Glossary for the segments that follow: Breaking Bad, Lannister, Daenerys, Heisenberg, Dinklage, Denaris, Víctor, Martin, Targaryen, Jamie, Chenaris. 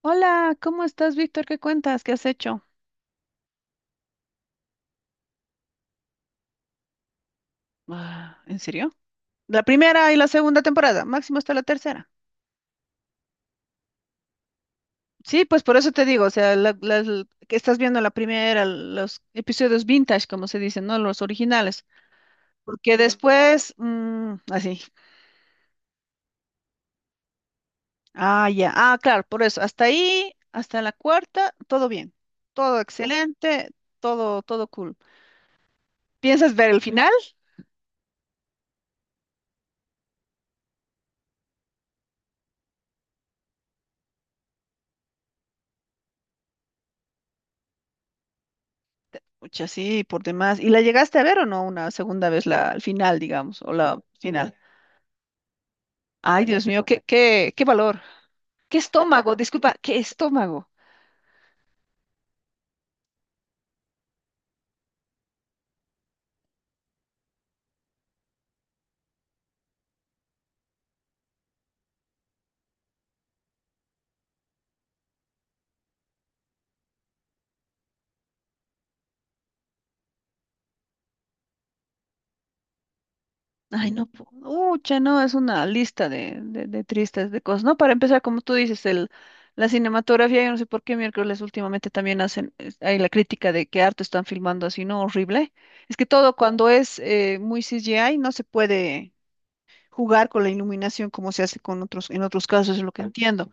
Hola, ¿cómo estás, Víctor? ¿Qué cuentas? ¿Qué has hecho? Ah, ¿en serio? La primera y la segunda temporada, máximo hasta la tercera. Sí, pues por eso te digo, o sea, que estás viendo la primera, los episodios vintage, como se dicen, ¿no? Los originales. Porque después, así. Ah, ya. Ah, claro, por eso. Hasta ahí, hasta la cuarta, todo bien. Todo excelente, todo, todo cool. ¿Piensas ver el final? Pucha, sí, por demás. ¿Y la llegaste a ver o no una segunda vez la, el final, digamos, o la final? Ay, Dios mío, qué valor. ¿Qué estómago? Disculpa, ¿qué estómago? Ay, no, po- ucha, no, es una lista de tristes, de cosas. No, para empezar, como tú dices, el, la cinematografía, yo no sé por qué miércoles últimamente también hacen, es- hay la crítica de que harto están filmando así, ¿no? Horrible. Es que todo cuando es muy CGI no se puede jugar con la iluminación como se hace con otros, en otros casos, es lo que entiendo.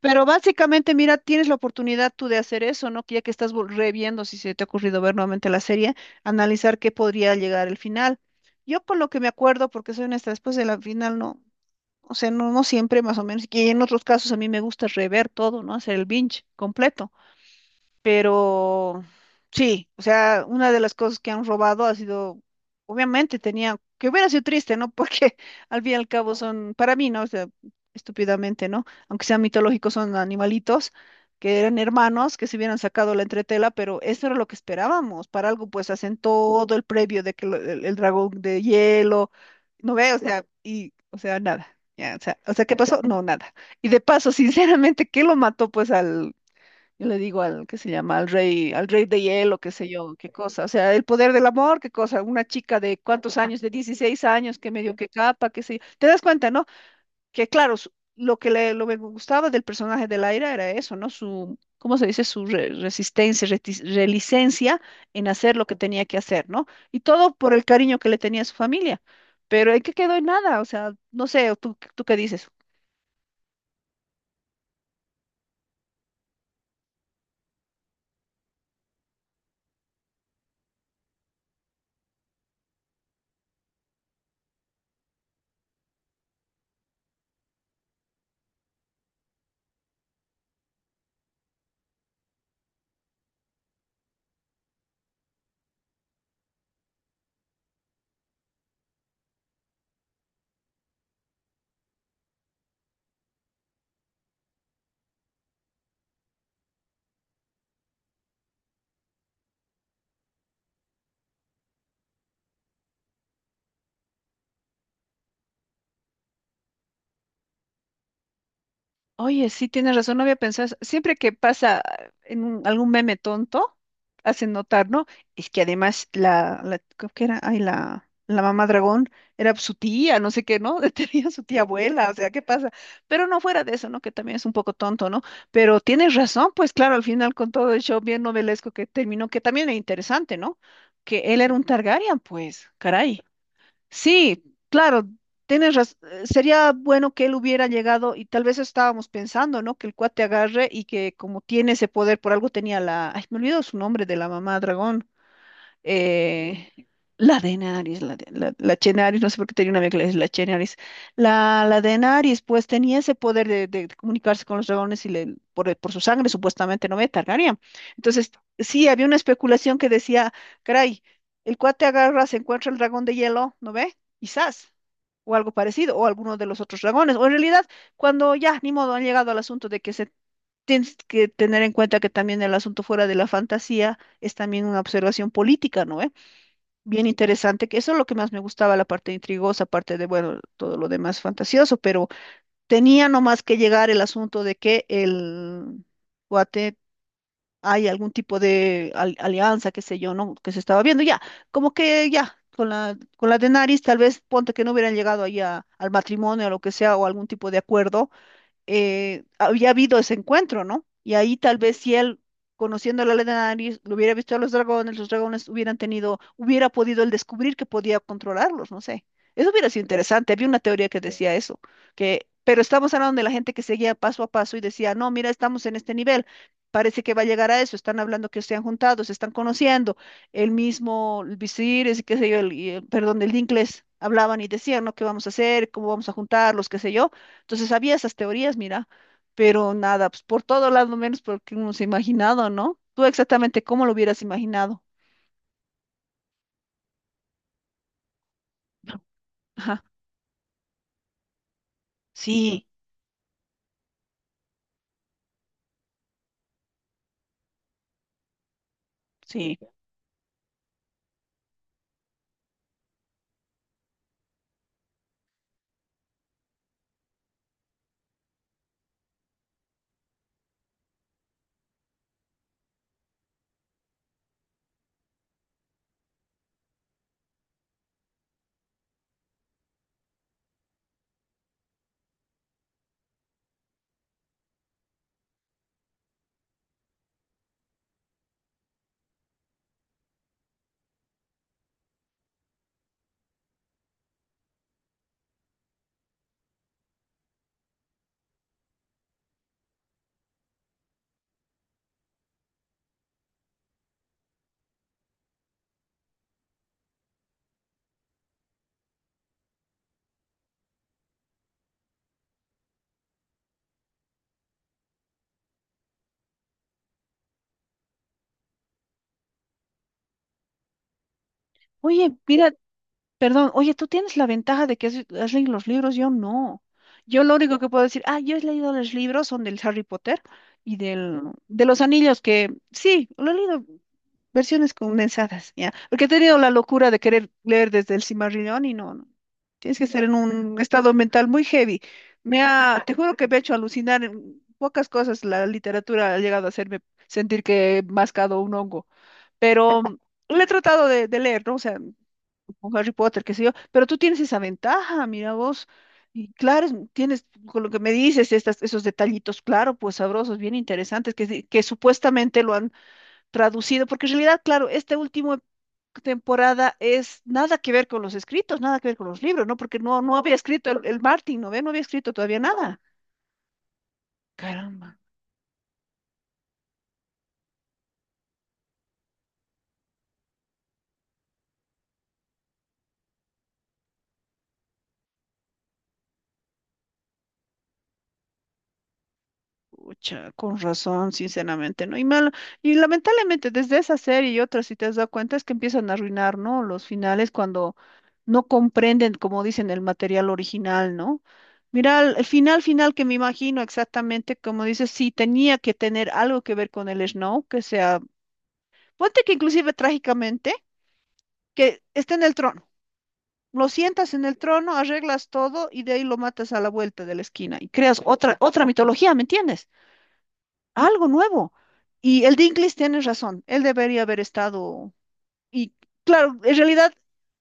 Pero básicamente, mira, tienes la oportunidad tú de hacer eso, ¿no? Que ya que estás vol- reviendo, si se te ha ocurrido ver nuevamente la serie, analizar qué podría llegar el final. Yo con lo que me acuerdo, porque soy honesta, después de la final no, o sea, no, no siempre más o menos, y en otros casos a mí me gusta rever todo, ¿no? Hacer el binge completo. Pero sí, o sea, una de las cosas que han robado ha sido, obviamente tenía, que hubiera sido triste, ¿no? Porque al fin y al cabo son, para mí, ¿no? O sea, estúpidamente, ¿no? Aunque sean mitológicos, son animalitos que eran hermanos, que se hubieran sacado la entretela, pero eso era lo que esperábamos. Para algo, pues hacen todo el previo de que lo- el dragón de hielo, ¿no ve? O sea, y, o sea, nada. Ya, o sea, ¿qué pasó? No, nada. Y de paso, sinceramente, ¿qué lo mató pues al, yo le digo al que se llama, al rey de hielo, qué sé yo, qué cosa. O sea, el poder del amor, qué cosa. Una chica de cuántos años, de 16 años, que medio que capa, qué sé yo. Te das cuenta, ¿no? Que claro, su- lo que le, lo que me gustaba del personaje de Laira era eso, ¿no? Su, ¿cómo se dice? Su re- resistencia, retis- relicencia en hacer lo que tenía que hacer, ¿no? Y todo por el cariño que le tenía a su familia. Pero ¿en qué quedó en nada? O sea, no sé, ¿tú qué dices? Oye, sí, tienes razón, no había pensado eso. Siempre que pasa ah, en un- algún meme tonto, hacen notar, ¿no? Es que además la, la creo que era, ay, la mamá dragón era su tía, no sé qué, ¿no? Tenía su tía abuela, o sea, ¿qué pasa? Pero no fuera de eso, ¿no? Que también es un poco tonto, ¿no? Pero tienes razón, pues claro, al final con todo el show bien novelesco que terminó, que también era interesante, ¿no? Que él era un Targaryen, pues, caray. Sí, claro, tienes razón. Sería bueno que él hubiera llegado y tal vez estábamos pensando, ¿no? Que el cuate agarre y que como tiene ese poder, por algo tenía la... Ay, me olvido su nombre de la mamá dragón eh, la Denaris, la, de- la, la Chenaris, no sé por qué tenía una amiga que le decía la Chenaris. La, la Denaris, pues tenía ese poder de comunicarse con los dragones y le, por, el- por su sangre, supuestamente, no me Targaryen. Entonces, sí, había una especulación que decía, caray, el cuate agarra, se encuentra el dragón de hielo, ¿no ve? Quizás. O algo parecido, o alguno de los otros dragones. O en realidad, cuando ya, ni modo, han llegado al asunto de que se tienes que tener en cuenta que también el asunto fuera de la fantasía es también una observación política, ¿no? Bien interesante, que eso es lo que más me gustaba, la parte intrigosa, aparte de, bueno, todo lo demás fantasioso, pero tenía nomás que llegar el asunto de que el guate hay algún tipo de al- alianza, qué sé yo, ¿no? Que se estaba viendo ya, como que ya. Con la de Nariz, tal vez ponte que no hubieran llegado ahí a- al matrimonio o lo que sea, o algún tipo de acuerdo, había habido ese encuentro, ¿no? Y ahí tal vez si él, conociendo la ley de nariz, lo hubiera visto a los dragones hubieran tenido, hubiera podido él descubrir que podía controlarlos, no sé. Eso hubiera sido interesante. Había una teoría que decía eso, que, pero estamos hablando de la gente que seguía paso a paso y decía, no, mira, estamos en este nivel. Parece que va a llegar a eso, están hablando que se han juntado, se están conociendo. El mismo, el visir, es qué sé yo, el, y el- perdón, el Dincles, hablaban y decían, ¿no? ¿Qué vamos a hacer? ¿Cómo vamos a juntarlos? ¿Qué sé yo? Entonces había esas teorías, mira, pero nada, pues por todo lado menos porque uno se ha imaginado, ¿no? Tú exactamente cómo lo hubieras imaginado. Ajá, sí, sí. Oye, mira, perdón, oye, tú tienes la ventaja de que has, has leído los libros, yo no. Yo lo único que puedo decir, ah, yo he leído los libros, son del Harry Potter y del, de los anillos, que sí, lo he leído versiones condensadas, ¿ya? Porque he tenido la locura de querer leer desde el Cimarrillón y no, no. Tienes que estar en un estado mental muy heavy. Me ha, te juro que me ha hecho alucinar en pocas cosas. La literatura ha llegado a hacerme sentir que he mascado un hongo. Pero le he tratado de leer, ¿no? O sea, con Harry Potter, qué sé yo. Pero tú tienes esa ventaja, mira vos. Y claro, es- tienes, con lo que me dices, estas, esos detallitos, claro, pues sabrosos, bien interesantes, que supuestamente lo han traducido, porque en realidad, claro, esta última temporada es nada que ver con los escritos, nada que ver con los libros, ¿no? Porque no, no había escrito el Martin, ¿no ve? No había escrito todavía nada. Caramba. Pucha, con razón, sinceramente, ¿no? Y mal, y lamentablemente desde esa serie y otras, si te has dado cuenta, es que empiezan a arruinar, ¿no? Los finales cuando no comprenden, como dicen, el material original, ¿no? Mira, el final final que me imagino exactamente, como dices, sí tenía que tener algo que ver con el Snow, que sea, ponte que inclusive trágicamente que esté en el trono. Lo sientas en el trono, arreglas todo y de ahí lo matas a la vuelta de la esquina y creas otra, otra mitología, ¿me entiendes? Algo nuevo. Y el Dinklage tiene razón, él debería haber estado. Y claro, en realidad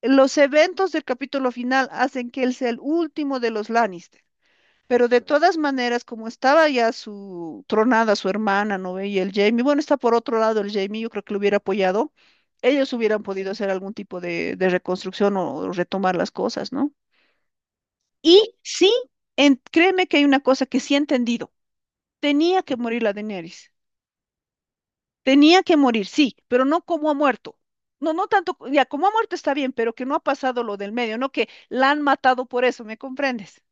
los eventos del capítulo final hacen que él sea el último de los Lannister. Pero de todas maneras, como estaba ya su tronada, su hermana, ¿no? ve? Y el Jamie, bueno, está por otro lado el Jamie, yo creo que lo hubiera apoyado. Ellos hubieran podido hacer algún tipo de reconstrucción o retomar las cosas, ¿no? Y sí, en- créeme que hay una cosa que sí he entendido. Tenía que morir la Daenerys. Tenía que morir, sí, pero no como ha muerto. No, no tanto, ya como ha muerto está bien, pero que no ha pasado lo del medio, no que la han matado por eso, ¿me comprendes?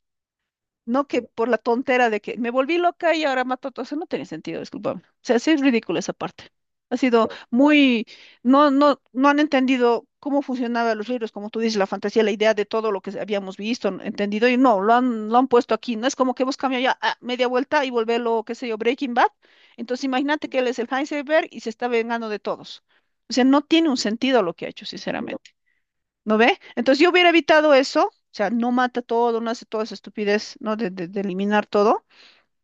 No que por la tontera de que me volví loca y ahora mato a todos. Eso no tiene sentido, discúlpame. O sea, sí es ridículo esa parte. Ha sido muy, no, no, no han entendido cómo funcionaban los libros, como tú dices, la fantasía, la idea de todo lo que habíamos visto, ¿no? entendido, y no, lo han puesto aquí. No es como que hemos cambiado ya ah, media vuelta y volverlo, qué sé yo, Breaking Bad. Entonces imagínate que él es el Heisenberg y se está vengando de todos. O sea, no tiene un sentido lo que ha hecho, sinceramente. ¿No ve? Entonces yo hubiera evitado eso, o sea, no mata todo, no hace toda esa estupidez, ¿no? De, de eliminar todo,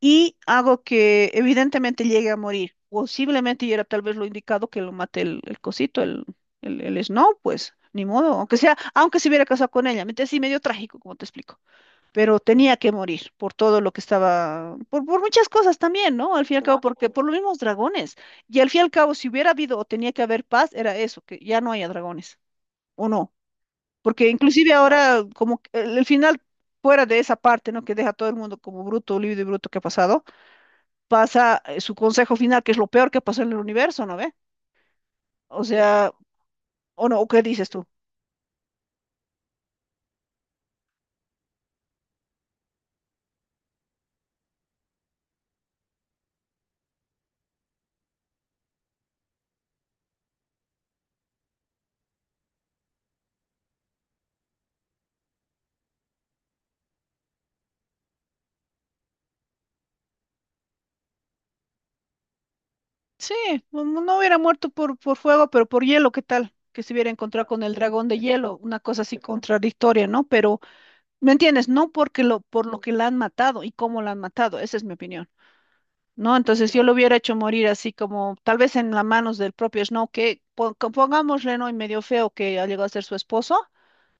y hago que evidentemente llegue a morir. Posiblemente y era tal vez lo indicado que lo mate el cosito, el Snow, pues, ni modo, aunque sea, aunque se hubiera casado con ella, mente sí medio trágico, como te explico, pero tenía que morir por todo lo que estaba, por muchas cosas también, ¿no? Al fin y al cabo, porque por los mismos dragones, y al fin y al cabo, si hubiera habido o tenía que haber paz, era eso, que ya no haya dragones, ¿o no? Porque inclusive ahora, como que el final fuera de esa parte, ¿no? Que deja a todo el mundo como bruto, libre y bruto que ha pasado, pasa su consejo final, que es lo peor que pasó en el universo, ¿no ve? O sea, o no, ¿o qué dices tú? Sí, no, no- no hubiera muerto por fuego, pero por hielo, ¿qué tal? Que se hubiera encontrado con el dragón de hielo, una cosa así contradictoria, ¿no? Pero, ¿me entiendes? No porque lo, por lo que la han matado y cómo la han matado, esa es mi opinión. ¿No? Entonces yo lo hubiera hecho morir así como tal vez en las manos del propio Snow, que pon- que pongámosle, ¿no? Y medio feo que ha llegado a ser su esposo,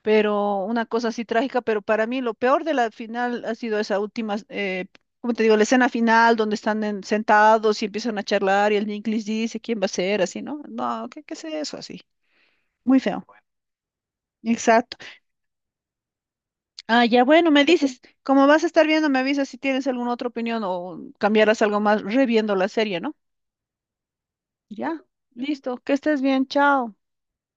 pero una cosa así trágica, pero para mí lo peor de la final ha sido esa última, como te digo, la escena final donde están en- sentados y empiezan a charlar y el Nick les dice quién va a ser, así, ¿no? No, ¿qué es eso? Así. Muy feo. Exacto. Ah, ya bueno, me dices, como vas a estar viendo, me avisas si tienes alguna otra opinión o cambiarás algo más reviendo la serie, ¿no? Ya, listo. Que estés bien. Chao.